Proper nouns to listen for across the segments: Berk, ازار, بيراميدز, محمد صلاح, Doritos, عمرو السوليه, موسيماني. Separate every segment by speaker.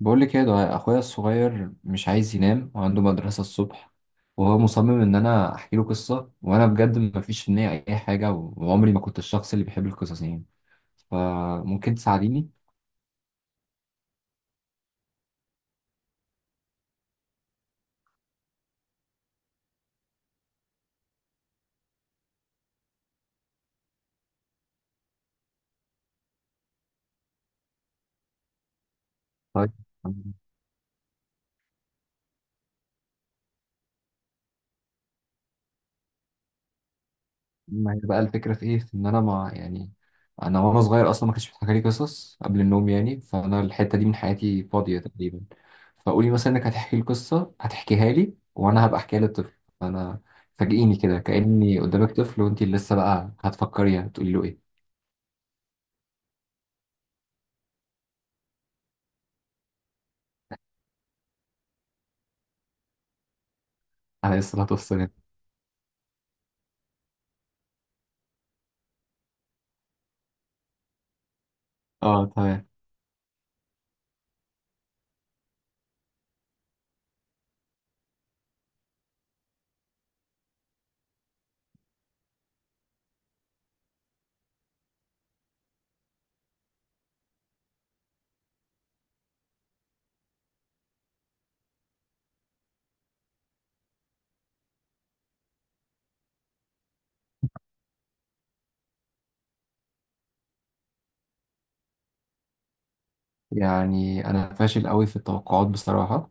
Speaker 1: بقول لك ايه، ده اخويا الصغير مش عايز ينام وعنده مدرسة الصبح، وهو مصمم ان انا احكي له قصة، وانا بجد ما فيش في نية اي حاجة، وعمري ما كنت الشخص اللي بيحب القصص يعني. فممكن تساعديني؟ طيب، ما هي بقى الفكرة في إيه؟ في إن أنا ما يعني أنا، وأنا صغير أصلا ما كانش بيتحكى لي قصص قبل النوم يعني، فأنا الحتة دي من حياتي فاضية تقريبا. فقولي مثلا إنك هتحكي لي قصة، هتحكيها لي وأنا هبقى أحكيها للطفل أنا. فاجئيني كده كأني قدامك طفل وأنت لسه بقى هتفكري هتقولي له إيه؟ أنا لسه هتفصل. أه تمام. يعني أنا فاشل قوي في التوقعات بصراحة.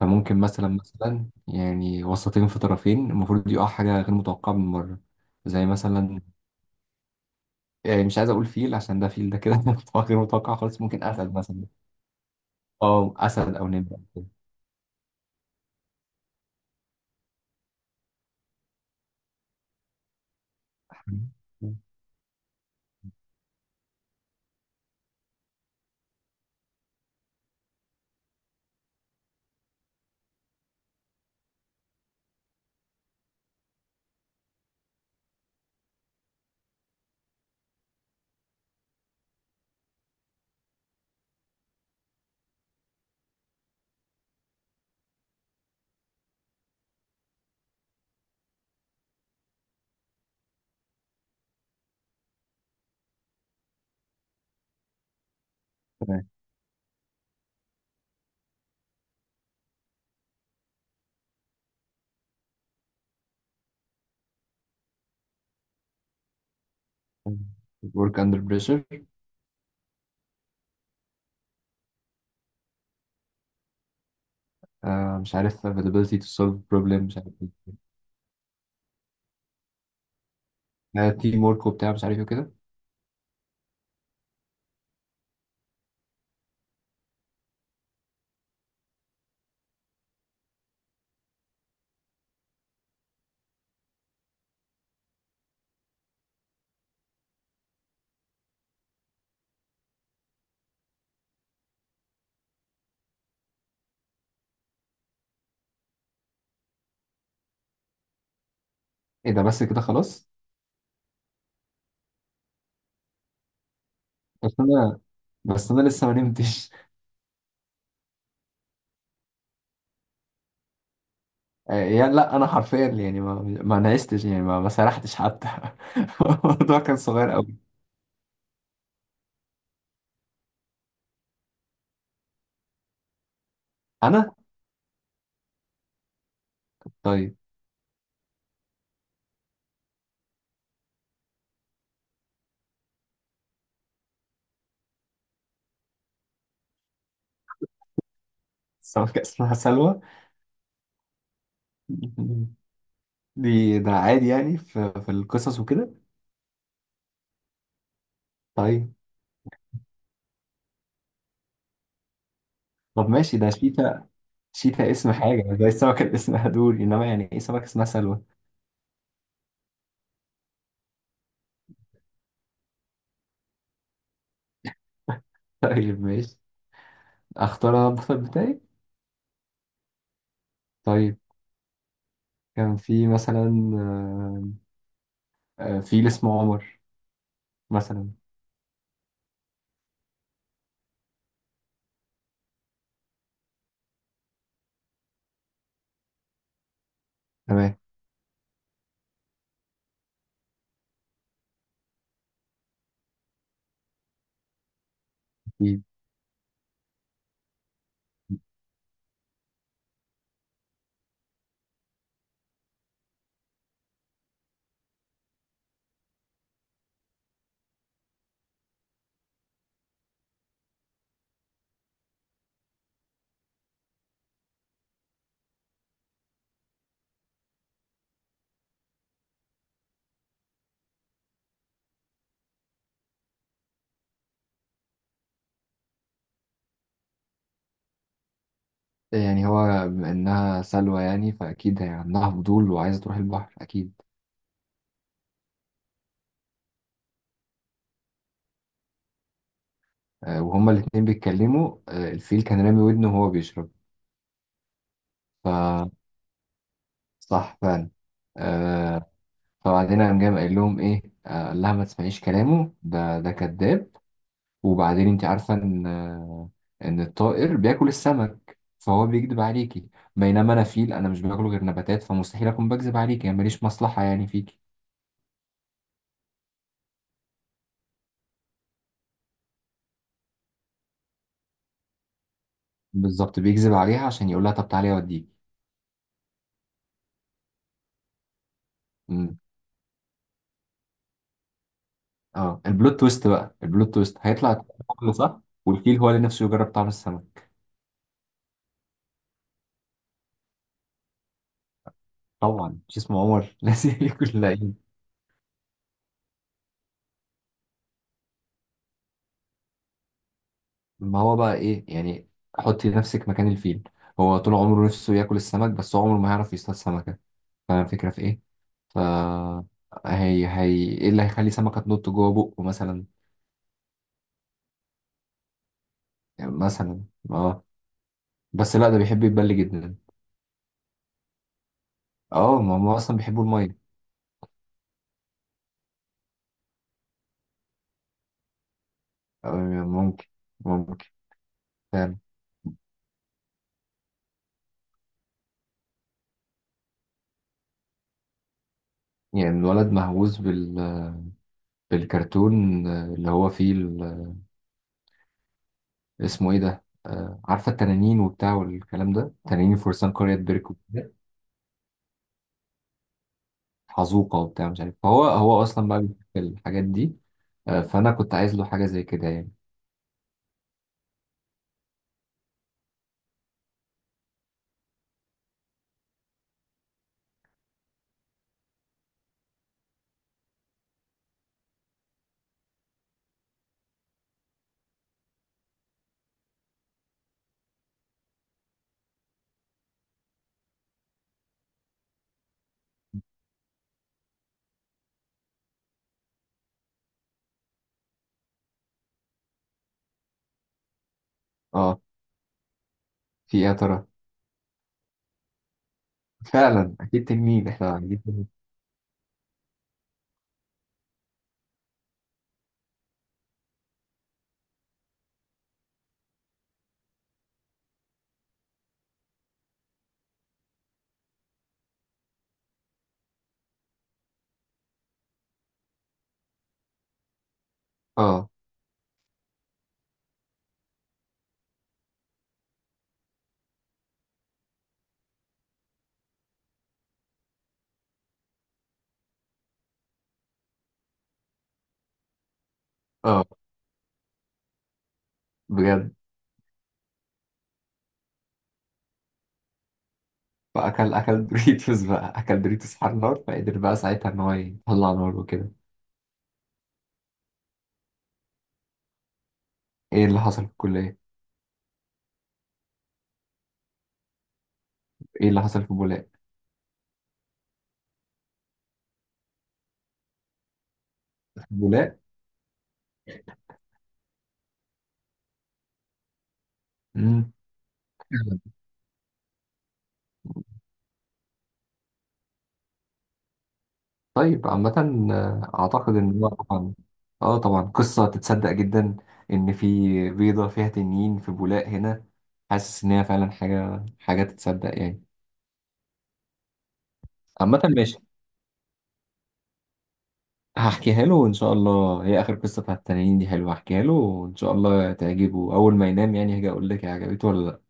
Speaker 1: فممكن مثلا يعني وسطين في طرفين المفروض يقع حاجة غير متوقعة من مرة. زي مثلا، يعني مش عايز اقول فيل عشان ده فيل ده كده متوقع، غير متوقع خالص. ممكن اسد مثلا. اه اسد او نمر أو كده. تمام. work under pressure. آه مش عارف، availability to solve problem، مش عارف ايه، تيم ورك وبتاع مش عارف ايه وكده. ايه ده، بس كده خلاص؟ بس انا، بس انا لسه ما نمتش. آه يعني لا، انا حرفيا يعني ما نعستش يعني ما سرحتش حتى. الموضوع كان صغير قوي. انا. طيب. السمكة اسمها سلوى. دي ده عادي يعني في القصص وكده. طيب. طب ماشي، ده شيتا. شيتا اسم حاجة زي السمكة اللي اسمها دوري، انما يعني ايه سمكة اسمها سلوى؟ طيب ماشي، اختار انا البطل بتاعي. طيب، كان في مثلا، فيل اسمه عمر. مثلا. تمام. اكيد. يعني هو بما انها سلوى يعني فاكيد هي عندها فضول وعايزة تروح البحر اكيد. وهما الاتنين بيتكلموا، الفيل كان رامي ودنه وهو بيشرب. ف صح فعلا. آه، فبعدين قام جاي قايل لهم ايه، قال لها ما تسمعيش كلامه ده، ده كذاب. وبعدين انت عارفة ان الطائر بياكل السمك، فهو بيكذب عليكي. بينما انا فيل، انا مش باكل غير نباتات، فمستحيل اكون بكذب عليكي، يعني ماليش مصلحة يعني فيكي. بالظبط بيكذب عليها عشان يقول لها طب تعالي اوديكي. امم. اه البلوت تويست بقى، البلوت تويست هيطلع الطائر صح، والفيل هو اللي نفسه يجرب طعم السمك. طبعا مش اسمه عمر لازم ياكل لعيب. ما هو بقى ايه يعني، حطي نفسك مكان الفيل، هو طول عمره نفسه ياكل السمك بس هو عمره ما هيعرف يصطاد سمكة. فاهم الفكرة في ايه؟ ف هي ايه اللي هيخلي سمكة تنط جوه بقه مثلا؟ يعني مثلا، اه. بس لا، ده بيحب يتبل جدا. اه ما هم اصلا بيحبوا المية. آه، ممكن، ممكن فعلا. يعني الولد مهووس بال... بالكرتون، اللي هو فيه ال... اسمه ايه ده، عارفة التنانين وبتاع والكلام ده، تنانين فرسان قرية بيرك وكده. حزوقة وبتاع مش عارف، فهو اصلا بقى بيحب الحاجات دي. فانا كنت عايز له حاجة زي كده يعني. اه. في ايه يا ترى؟ فعلا اكيد تنين احنا عايزين. اه. اه. بجد. فاكل اكل دوريتوس بقى، اكل دوريتوس على النار فقدر بقى ساعتها ان هو يطلع نار وكده. ايه اللي حصل في الكليه؟ ايه اللي حصل في بولاق؟ في بولاق؟ مم. طيب عامة، أعتقد إن هو طبعا، آه طبعا قصة تتصدق جدا، إن في بيضة فيها تنين في بولاق هنا. حاسس إن هي فعلا حاجة، تتصدق يعني. عامة ماشي، هحكيها له وإن شاء الله، هي آخر قصة بتاعت التنانين دي حلوة، هحكيها له وإن شاء الله تعجبه أول ما ينام، يعني هاجي أقول لك هي عجبته ولا لأ.